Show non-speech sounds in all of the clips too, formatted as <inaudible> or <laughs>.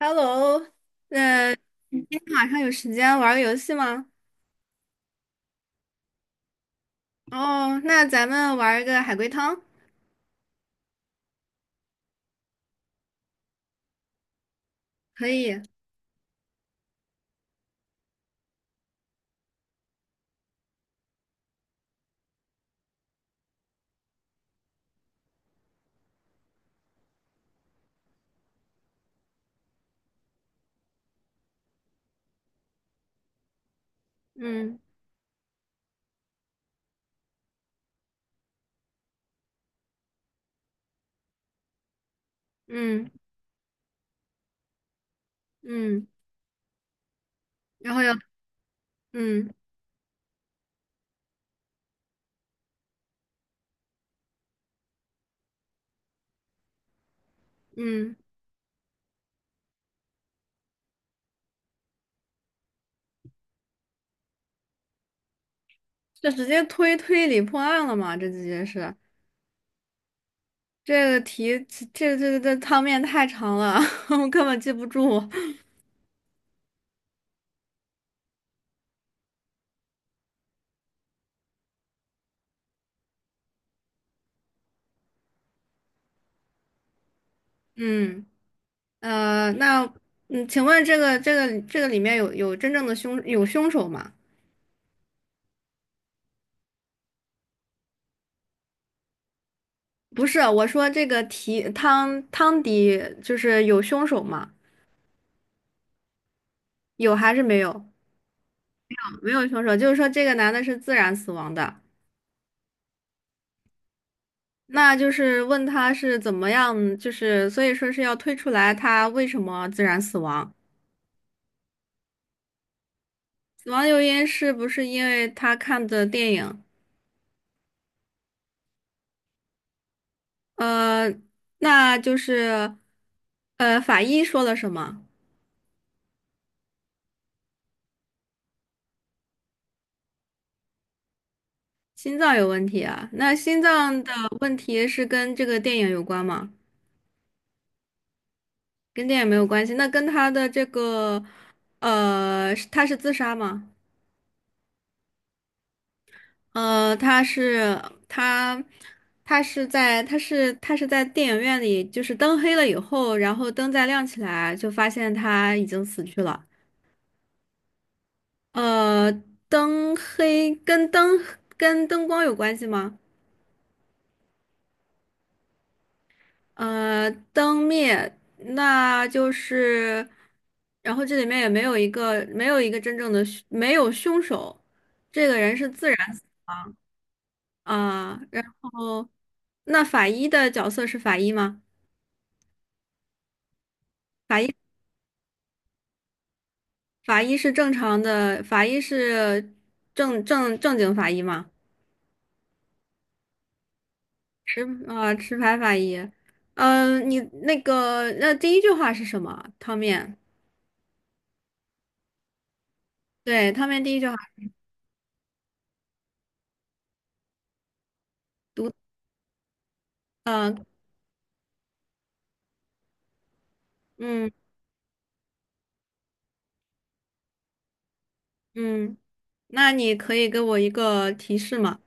Hello，呃，你今天晚上有时间玩个游戏吗？哦，那咱们玩个海龟汤。可以。嗯嗯嗯。然后要嗯嗯，这直接推理破案了嘛？这直接是这个题，这汤面太长了，<laughs> 我根本记不住。嗯。呃，那请问这个里面有真正的凶手吗？不是，我说这个题汤底就是有凶手吗？有还是没有？没有凶手，就是说这个男的是自然死亡的。那就是问他是怎么样，就是所以说是要推出来他为什么自然死亡。死亡诱因是不是因为他看的电影？呃，那就是呃法医说了什么？心脏有问题啊？那心脏的问题是跟这个电影有关吗？跟电影没有关系，那跟他的这个呃，是他是自杀吗？呃，他，他在电影院里，就是灯黑了以后，然后灯再亮起来，就发现他已经死去了。呃，灯黑跟灯跟灯光有关系吗？呃，灯灭，那就是，然后这里面也没有一个真正的没有凶手。这个人是自然死。啊，然后那法医的角色是法医吗？法医是正常的，法医是正经法医吗？持持牌法医。你那个那第一句话是什么？汤面，对，汤面第一句话读。呃，嗯嗯，那你可以给我一个提示吗？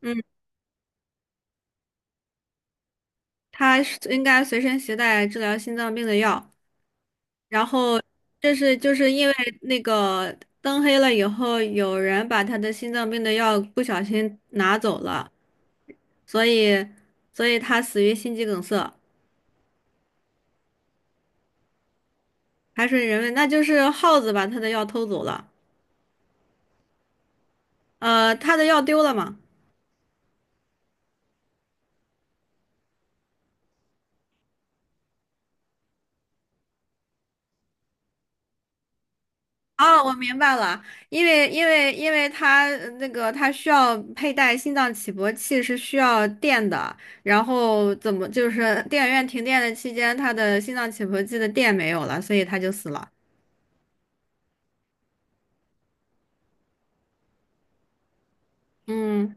嗯，他是应该随身携带治疗心脏病的药，然后这是就是因为那个灯黑了以后，有人把他的心脏病的药不小心拿走了。所以，所以他死于心肌梗塞。还是人为，那就是耗子把他的药偷走了。呃，他的药丢了嘛？哦，我明白了，因为他他需要佩戴心脏起搏器是需要电的，然后怎么就是 <laughs> 电影院停电的期间，他的心脏起搏器的电没有了，所以他就死了。嗯。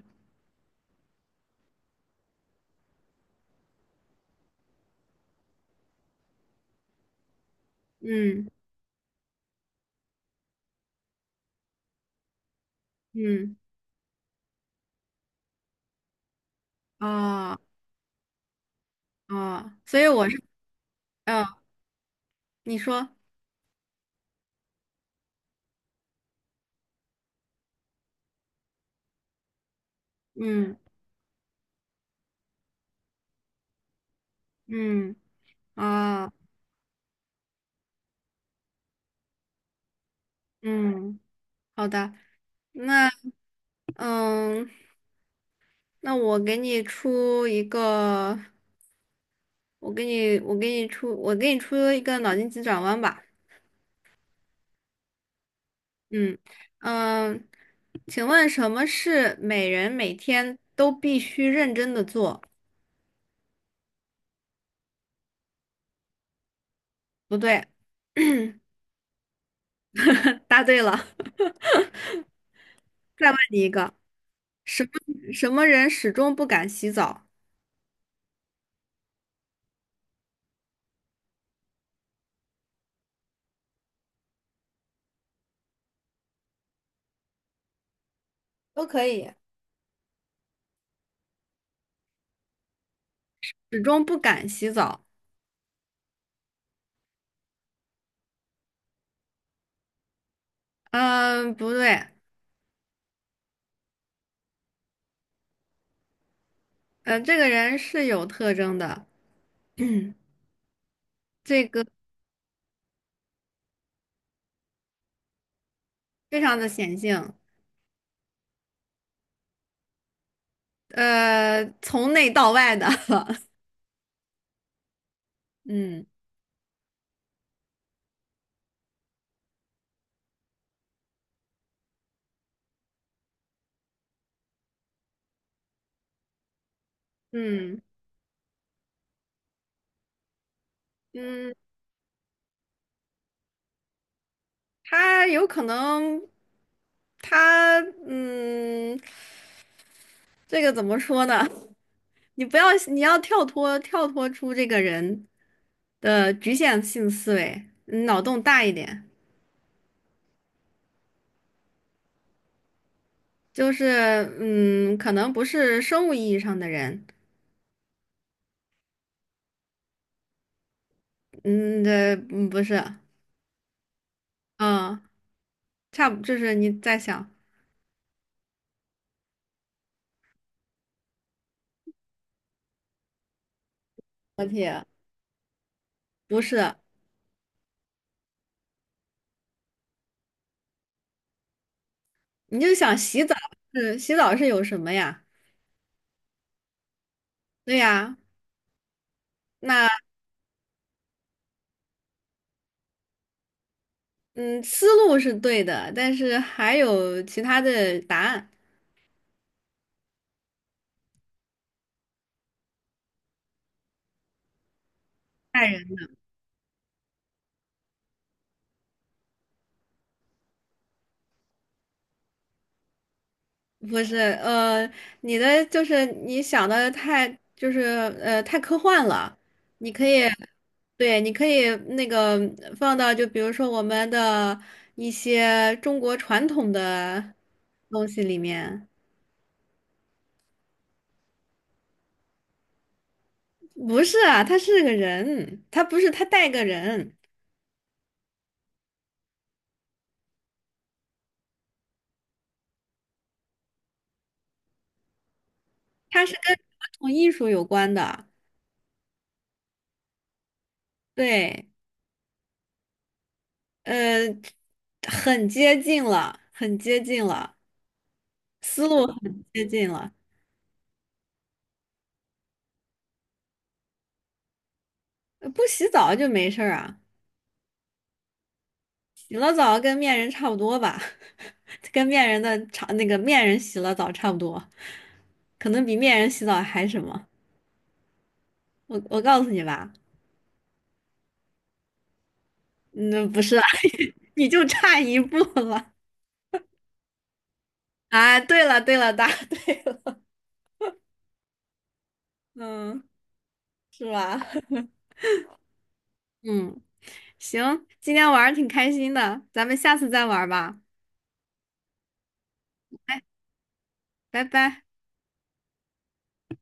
嗯嗯，哦哦，所以我是，嗯、你说，嗯嗯。啊，嗯。好的。那嗯，那我给你出一个，我给你，我给你出，我给你出一个脑筋急转弯吧。嗯嗯。请问什么是每人每天都必须认真的做？不对。<laughs> 答对了。<laughs> 再问你一个，什么人始终不敢洗澡？都可以。始终不敢洗澡。嗯，不对。嗯，这个人是有特征的。<clears throat> 这个非常的显性。呃，从内到外的。<laughs> 嗯嗯嗯。他有可能，他嗯，这个怎么说呢？你不要，你要跳脱出这个人的局限性思维，嗯，脑洞大一点，就是嗯，可能不是生物意义上的人。嗯，这不是。嗯，差不就是你在想。老铁，不是，你就想洗澡是洗澡是有什么呀？对呀。那嗯，思路是对的，但是还有其他的答案。爱人不是。呃，你的就是你想的太就是呃太科幻了。你可以，对，你可以那个放到就比如说我们的一些中国传统的东西里面。不是啊，他是个人，他不是他带个人。他是跟传统艺术有关的。对。呃，很接近了，很接近了，思路很接近了。呃，不洗澡就没事儿啊。洗了澡跟面人差不多吧，<laughs> 跟面人的差那个面人洗了澡差不多，可能比面人洗澡还什么。我告诉你吧。嗯，不是啊。 <laughs> 你就差一步了。啊，对了对了，答对。嗯，是吧？<laughs> 嗯，行，今天玩儿挺开心的，咱们下次再玩儿吧。哎，拜拜。